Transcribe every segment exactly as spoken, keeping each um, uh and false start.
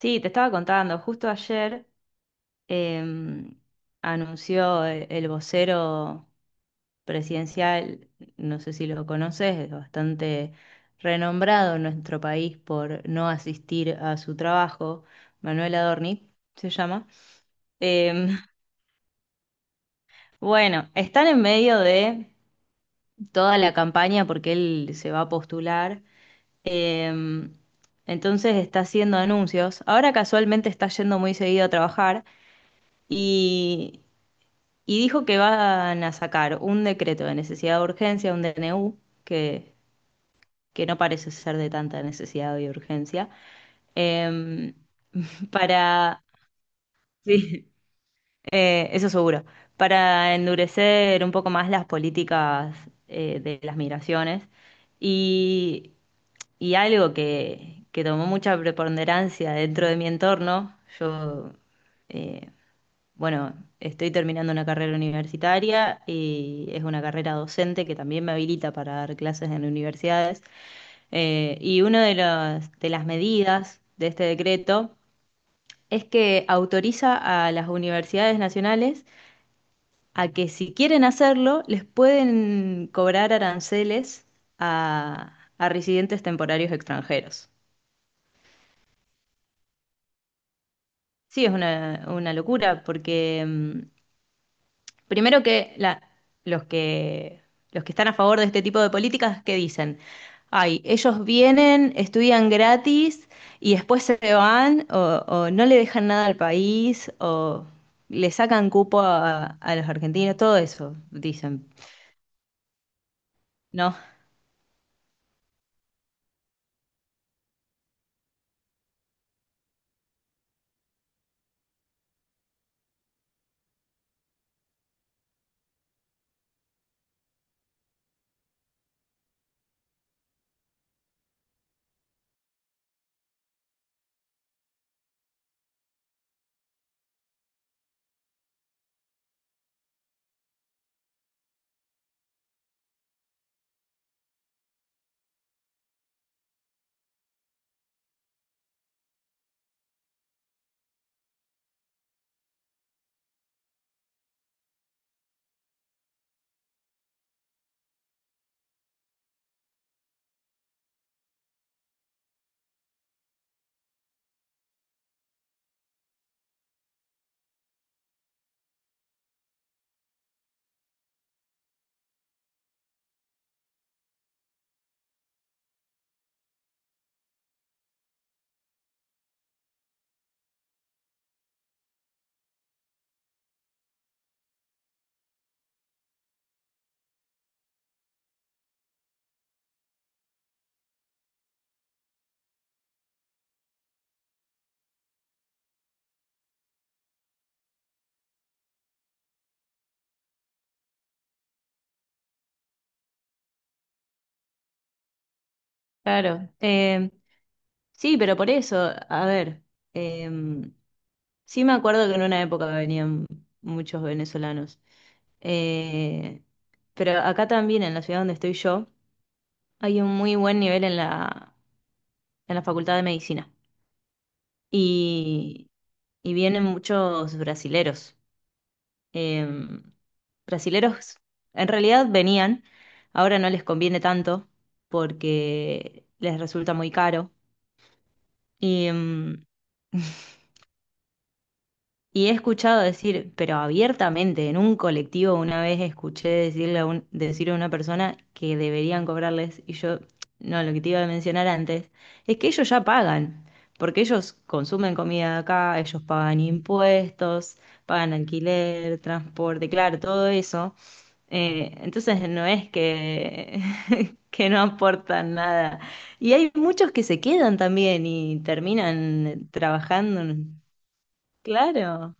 Sí, te estaba contando, justo ayer em, anunció e- el vocero presidencial. No sé si lo conoces, es bastante renombrado en nuestro país por no asistir a su trabajo, Manuel Adorni se llama. Em, bueno, están en medio de toda la campaña porque él se va a postular. Em, entonces está haciendo anuncios. Ahora casualmente está yendo muy seguido a trabajar. y, y dijo que van a sacar un decreto de necesidad de urgencia, un D N U, que, que no parece ser de tanta necesidad y urgencia, em, para, sí, eh, eso seguro, para endurecer un poco más las políticas eh, de las migraciones. Y, y algo que, que tomó mucha preponderancia dentro de mi entorno, yo... eh, bueno, estoy terminando una carrera universitaria y es una carrera docente que también me habilita para dar clases en universidades. Eh, y una de las, de las medidas de este decreto es que autoriza a las universidades nacionales a que si quieren hacerlo, les pueden cobrar aranceles a, a residentes temporarios extranjeros. Sí, es una, una locura porque mm, primero que la- los que los que están a favor de este tipo de políticas, ¿qué dicen? Ay, ellos vienen, estudian gratis y después se van o, o no le dejan nada al país o le sacan cupo a, a los argentinos, todo eso, dicen. No, claro. Eh, sí, pero por eso, a ver, eh, sí me acuerdo que en una época venían muchos venezolanos. Eh, pero acá también, en la ciudad donde estoy yo, hay un muy buen nivel en la, en la Facultad de Medicina y, y vienen muchos brasileros. Em, Brasileros en realidad venían, ahora no les conviene tanto porque les resulta muy caro. Y, em, Y he escuchado decir, pero abiertamente, en un colectivo una vez escuché decirle a un- decir a una persona que deberían cobrarles, y yo, no, lo que te iba a mencionar antes, es que ellos ya pagan, porque ellos consumen comida acá, ellos pagan impuestos, pagan alquiler, transporte, claro, todo eso. Eh, entonces no es que, que no aportan nada. Y hay muchos que se quedan también y terminan trabajando. Claro.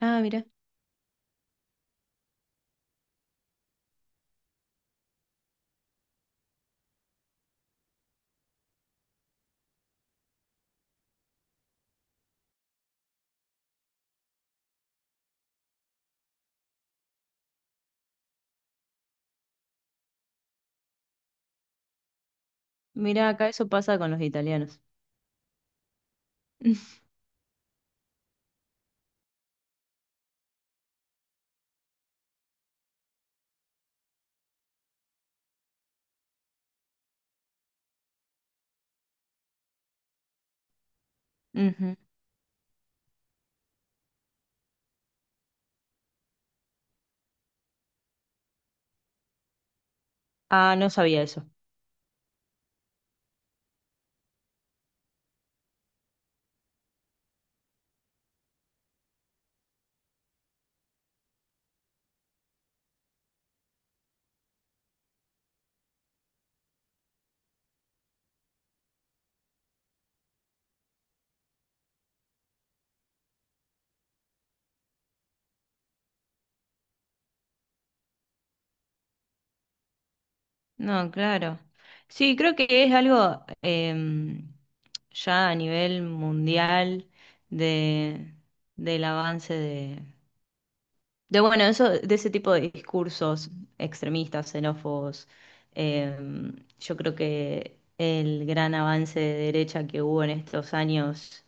Ah, mira, mira, acá eso pasa con los italianos. Ujú. Ah, no sabía eso. No, claro. Sí, creo que es algo em, ya a nivel mundial de, del avance de, de bueno, eso, de ese tipo de discursos extremistas, xenófobos. Em, yo creo que el gran avance de derecha que hubo en estos años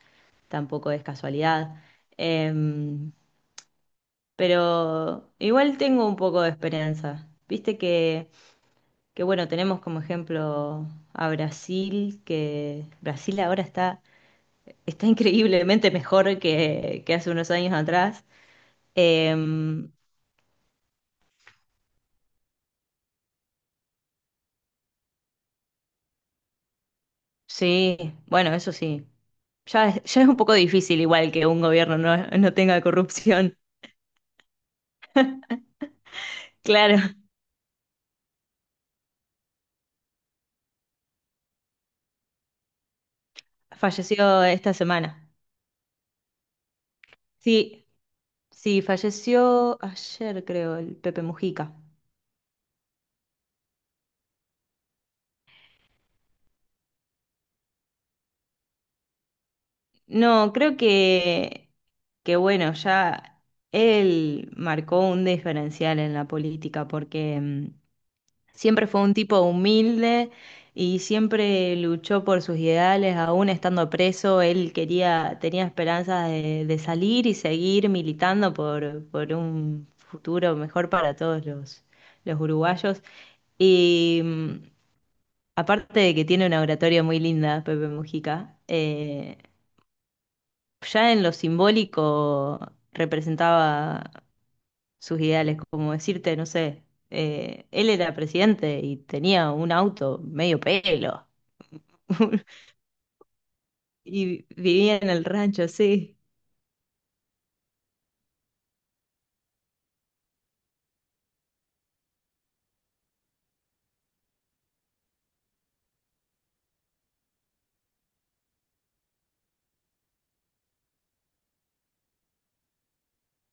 tampoco es casualidad. Em, Pero igual tengo un poco de esperanza. Viste que, que bueno, tenemos como ejemplo a Brasil, que Brasil ahora está, está increíblemente mejor que, que hace unos años atrás. Em, sí, bueno, eso sí. Ya es, ya es un poco difícil igual que un gobierno no, no tenga corrupción. Claro, falleció esta semana. Sí, sí, falleció ayer, creo, el Pepe Mujica. No, creo que, que bueno, ya él marcó un diferencial en la política porque mm, siempre fue un tipo humilde y siempre luchó por sus ideales, aún estando preso, él quería, tenía esperanzas de, de salir y seguir militando por, por un futuro mejor para todos los, los uruguayos. Y mm, Aparte de que tiene una oratoria muy linda, Pepe Mujica, eh, ya en lo simbólico representaba sus ideales, como decirte, no sé, eh, él era presidente y tenía un auto medio pelo y vivía en el rancho, sí,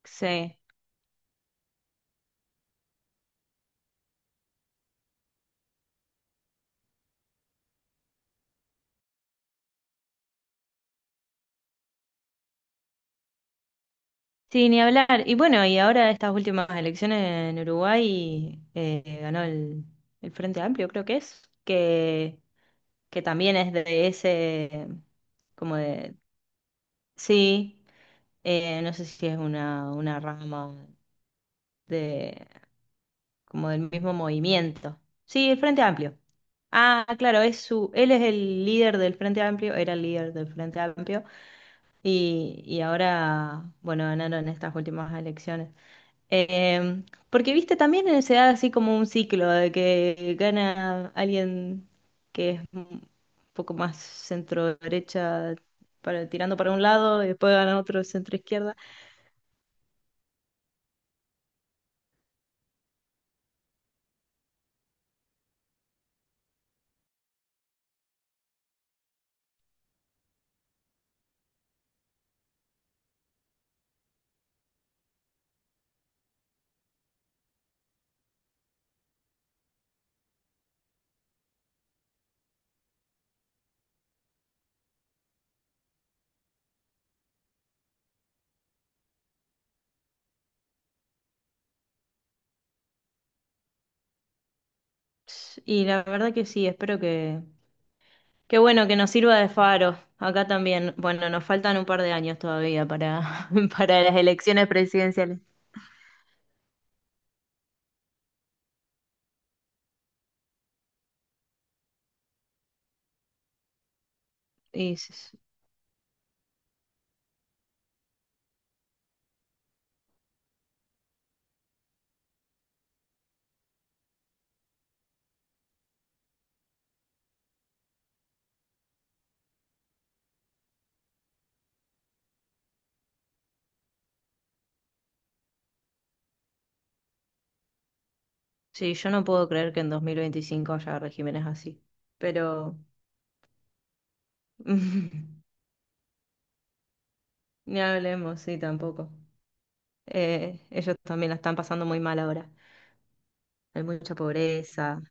sí. Sí, ni hablar. Y bueno, y ahora estas últimas elecciones en Uruguay eh, ganó el, el Frente Amplio, creo que es, que, que también es de ese, como de, sí, eh, no sé si es una, una rama de, como del mismo movimiento. Sí, el Frente Amplio. Ah, claro, es su, él es el líder del Frente Amplio, era el líder del Frente Amplio y, y ahora, bueno, ganaron estas últimas elecciones. Eh, Porque, viste, también se da así como un ciclo de que gana alguien que es un poco más centro derecha, para, tirando para un lado, y después gana otro centro izquierda. Y la verdad que sí, espero que, qué bueno que nos sirva de faro. Acá también, bueno, nos faltan un par de años todavía para, para las elecciones presidenciales. Y s- sí, yo no puedo creer que en dos mil veinticinco haya regímenes así. Pero ni hablemos, sí, tampoco. Eh, ellos también la están pasando muy mal ahora. Hay mucha pobreza.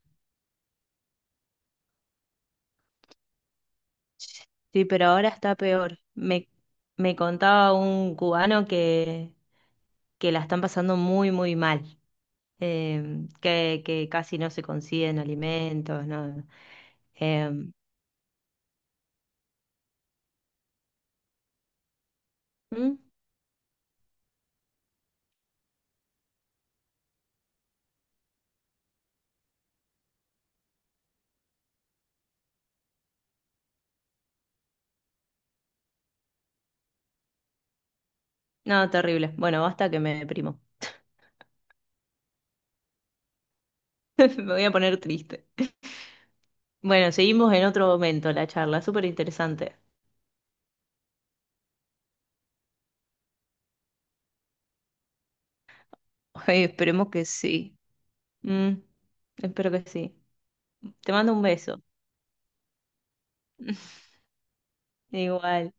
Sí, pero ahora está peor. Me, me contaba un cubano que, que la están pasando muy, muy mal. em, que, que casi no se consiguen alimentos, ¿no? Em, ¿mm? No, terrible. Bueno, basta que me deprimo. Me voy a poner triste. Bueno, seguimos en otro momento la charla, súper interesante. Ay, esperemos que sí. Mm, espero que sí. Te mando un beso. Igual.